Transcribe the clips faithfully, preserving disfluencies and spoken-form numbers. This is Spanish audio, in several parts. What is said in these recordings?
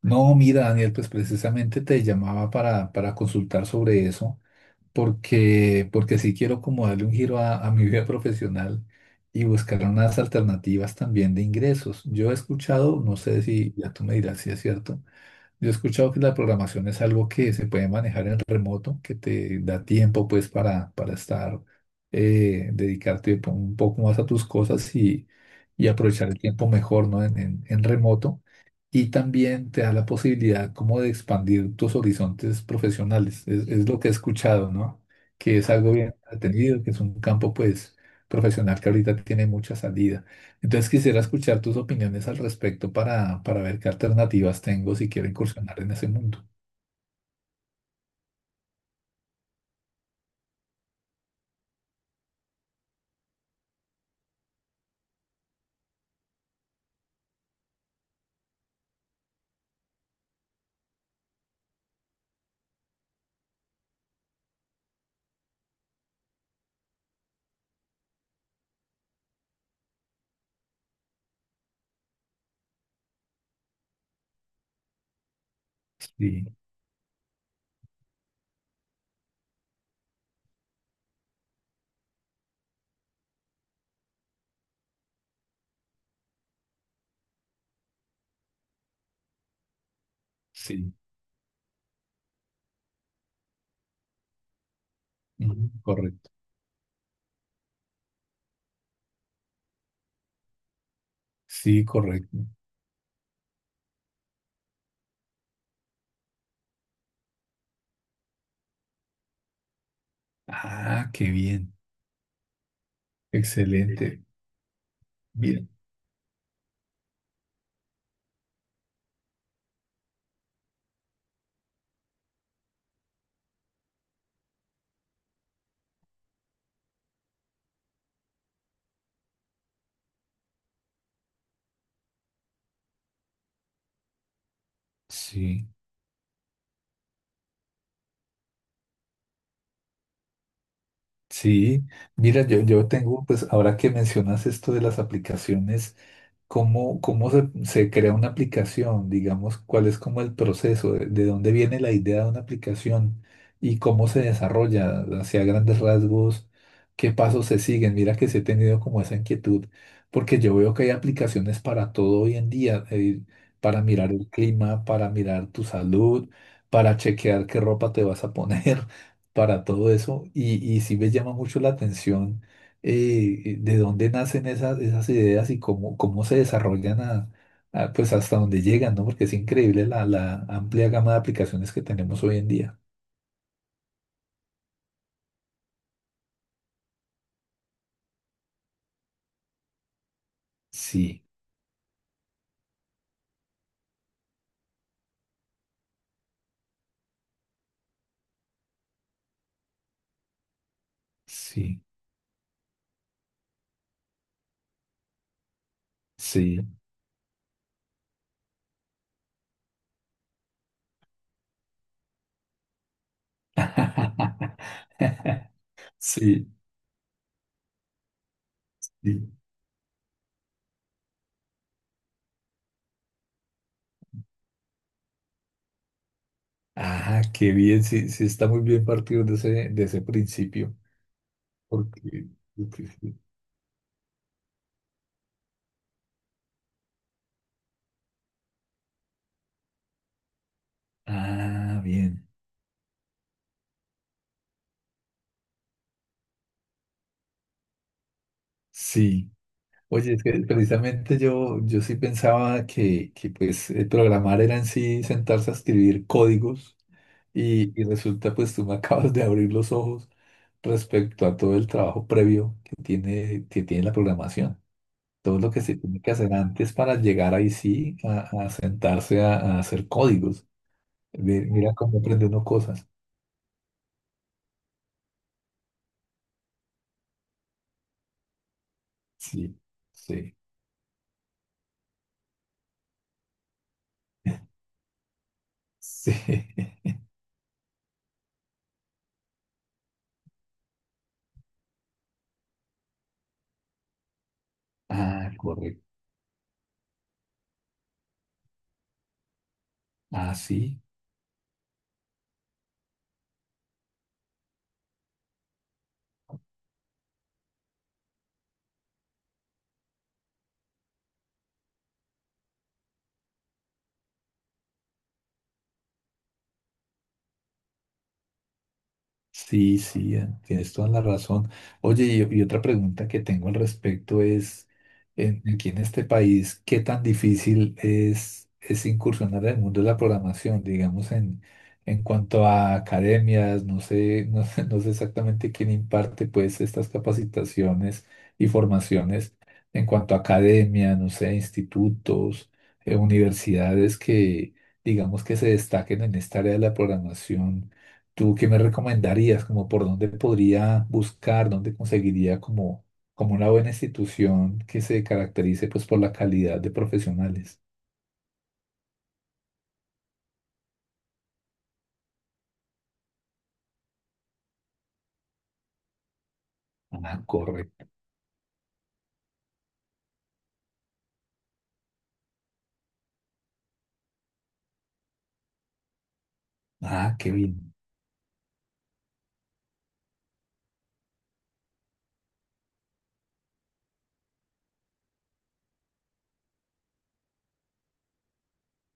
No, mira, Daniel, pues precisamente te llamaba para, para consultar sobre eso, porque, porque sí quiero como darle un giro a, a mi vida profesional y buscar unas alternativas también de ingresos. Yo he escuchado, no sé si ya tú me dirás si es cierto, yo he escuchado que la programación es algo que se puede manejar en remoto, que te da tiempo pues para, para estar, eh, dedicarte un poco más a tus cosas y, y aprovechar el tiempo mejor, ¿no? En en- en remoto, y también te da la posibilidad como de expandir tus horizontes profesionales. Es, es lo que he escuchado, ¿no? Que es algo bien atendido, que es un campo pues profesional que ahorita tiene mucha salida. Entonces quisiera escuchar tus opiniones al respecto para, para ver qué alternativas tengo si quiero incursionar en ese mundo. Sí, sí, ujú, correcto. Sí, correcto. Ah, qué bien. Excelente. Bien. Sí. Sí, mira, yo, yo tengo, pues ahora que mencionas esto de las aplicaciones, ¿cómo, cómo se, se crea una aplicación? Digamos, ¿cuál es como el proceso? ¿De, de dónde viene la idea de una aplicación? ¿Y cómo se desarrolla? Hacia grandes rasgos, ¿qué pasos se siguen? Mira que sí he tenido como esa inquietud, porque yo veo que hay aplicaciones para todo hoy en día, eh, para mirar el clima, para mirar tu salud, para chequear qué ropa te vas a poner, para todo eso. Y, y sí me llama mucho la atención eh, de dónde nacen esas, esas ideas y cómo, cómo se desarrollan a- a, pues hasta dónde llegan, ¿no? Porque es increíble la, la amplia gama de aplicaciones que tenemos hoy en día. Sí, sí, sí. Sí, sí. Ah, qué bien, sí, sí está muy bien partido de ese, de ese principio. Porque, porque sí. Ah, bien. Sí. Oye, es que precisamente yo, yo sí pensaba que, que pues el programar era en sí sentarse a escribir códigos, y, y resulta pues tú me acabas de abrir los ojos respecto a todo el trabajo previo que tiene, que tiene la programación. Todo lo que se tiene que hacer antes para llegar ahí sí a, a sentarse a, a hacer códigos. Ve- Mira cómo aprende uno cosas. Sí, sí, sí. Ah, correcto. Ah, sí. Sí, sí, eh, tienes toda la razón. Oye, y, y otra pregunta que tengo al respecto es, en- aquí en este país, ¿qué tan difícil es, es incursionar en el mundo de la programación, digamos, en, en cuanto a academias? No sé, no sé, no sé exactamente quién imparte pues estas capacitaciones y formaciones en cuanto a academia, no sé, institutos, eh, universidades que, digamos, que se destaquen en esta área de la programación. ¿Tú qué me recomendarías? Como por dónde podría buscar, dónde conseguiría como, como una buena institución que se caracterice pues por la calidad de profesionales. Ah, correcto. Ah, qué bien.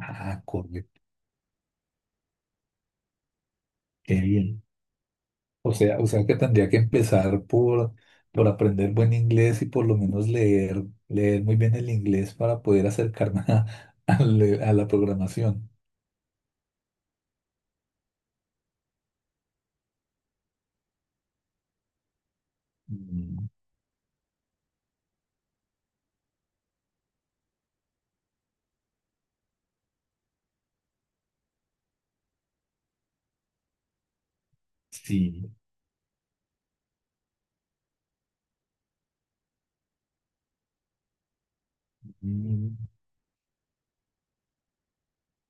Ah, correcto. Qué bien. O sea, o sea que tendría que empezar por, por aprender buen inglés y por lo menos leer, leer muy bien el inglés para poder acercarme a, a le- a la programación. Mm, Sí. Mm,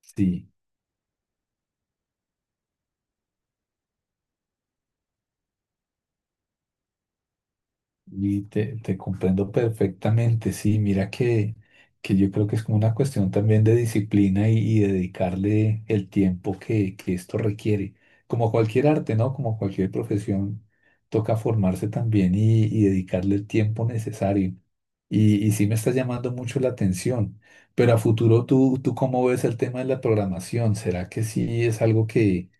Sí. Y te, te comprendo perfectamente, sí, mira que, que yo creo que es como una cuestión también de disciplina y, y dedicarle el tiempo que, que esto requiere. Como cualquier arte, ¿no? Como cualquier profesión, toca formarse también y, y dedicarle el tiempo necesario. Y, y sí me está llamando mucho la atención, pero a futuro tú, ¿tú cómo ves el tema de la programación? ¿Será que sí es algo que,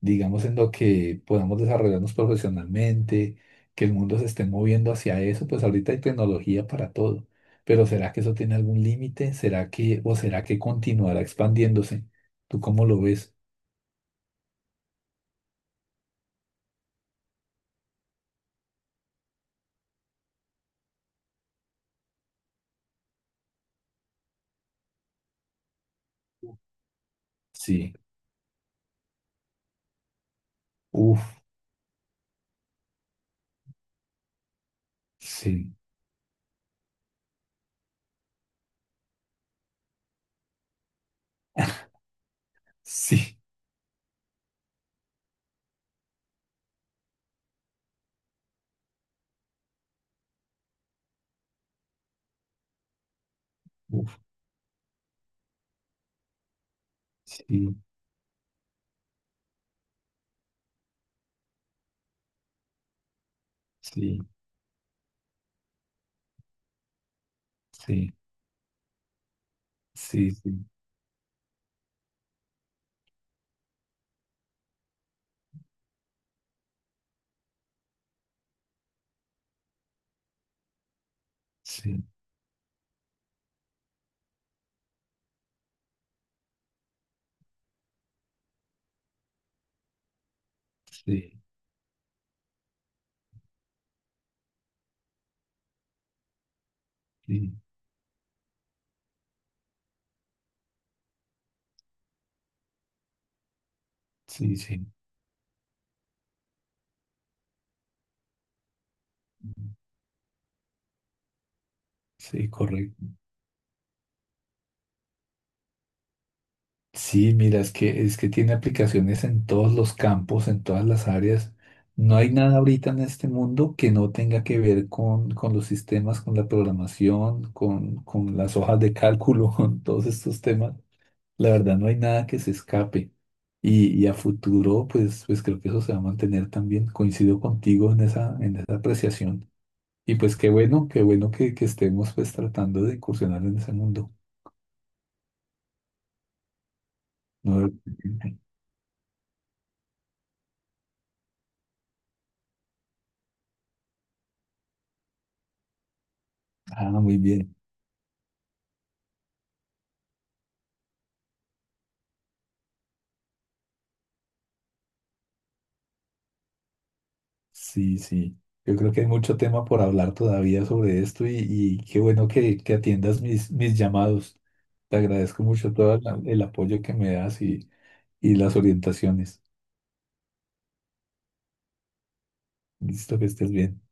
digamos, en lo que podamos desarrollarnos profesionalmente? Que el mundo se esté moviendo hacia eso, pues ahorita hay tecnología para todo. Pero ¿será que eso tiene algún límite? ¿Será que, o será que continuará expandiéndose? ¿Tú cómo lo ves? Sí, uf, sí, sí, uf, sí, sí, sí, sí, sí, sí, sí, sí, sí, sí, sí, correcto. Sí, mira, es que, es que tiene aplicaciones en todos los campos, en todas las áreas. No hay nada ahorita en este mundo que no tenga que ver con, con los sistemas, con la programación, con, con las hojas de cálculo, con todos estos temas. La verdad, no hay nada que se escape. Y, y a futuro, pues, pues creo que eso se va a mantener también. Coincido contigo en esa, en esa apreciación. Y pues qué bueno, qué bueno que, que estemos pues tratando de incursionar en ese mundo. No, ah, muy bien. Sí, sí. Yo creo que hay mucho tema por hablar todavía sobre esto y, y qué bueno que, que atiendas mis, mis llamados. Te agradezco mucho todo el, el apoyo que me das y, y las orientaciones. Listo, que estés bien.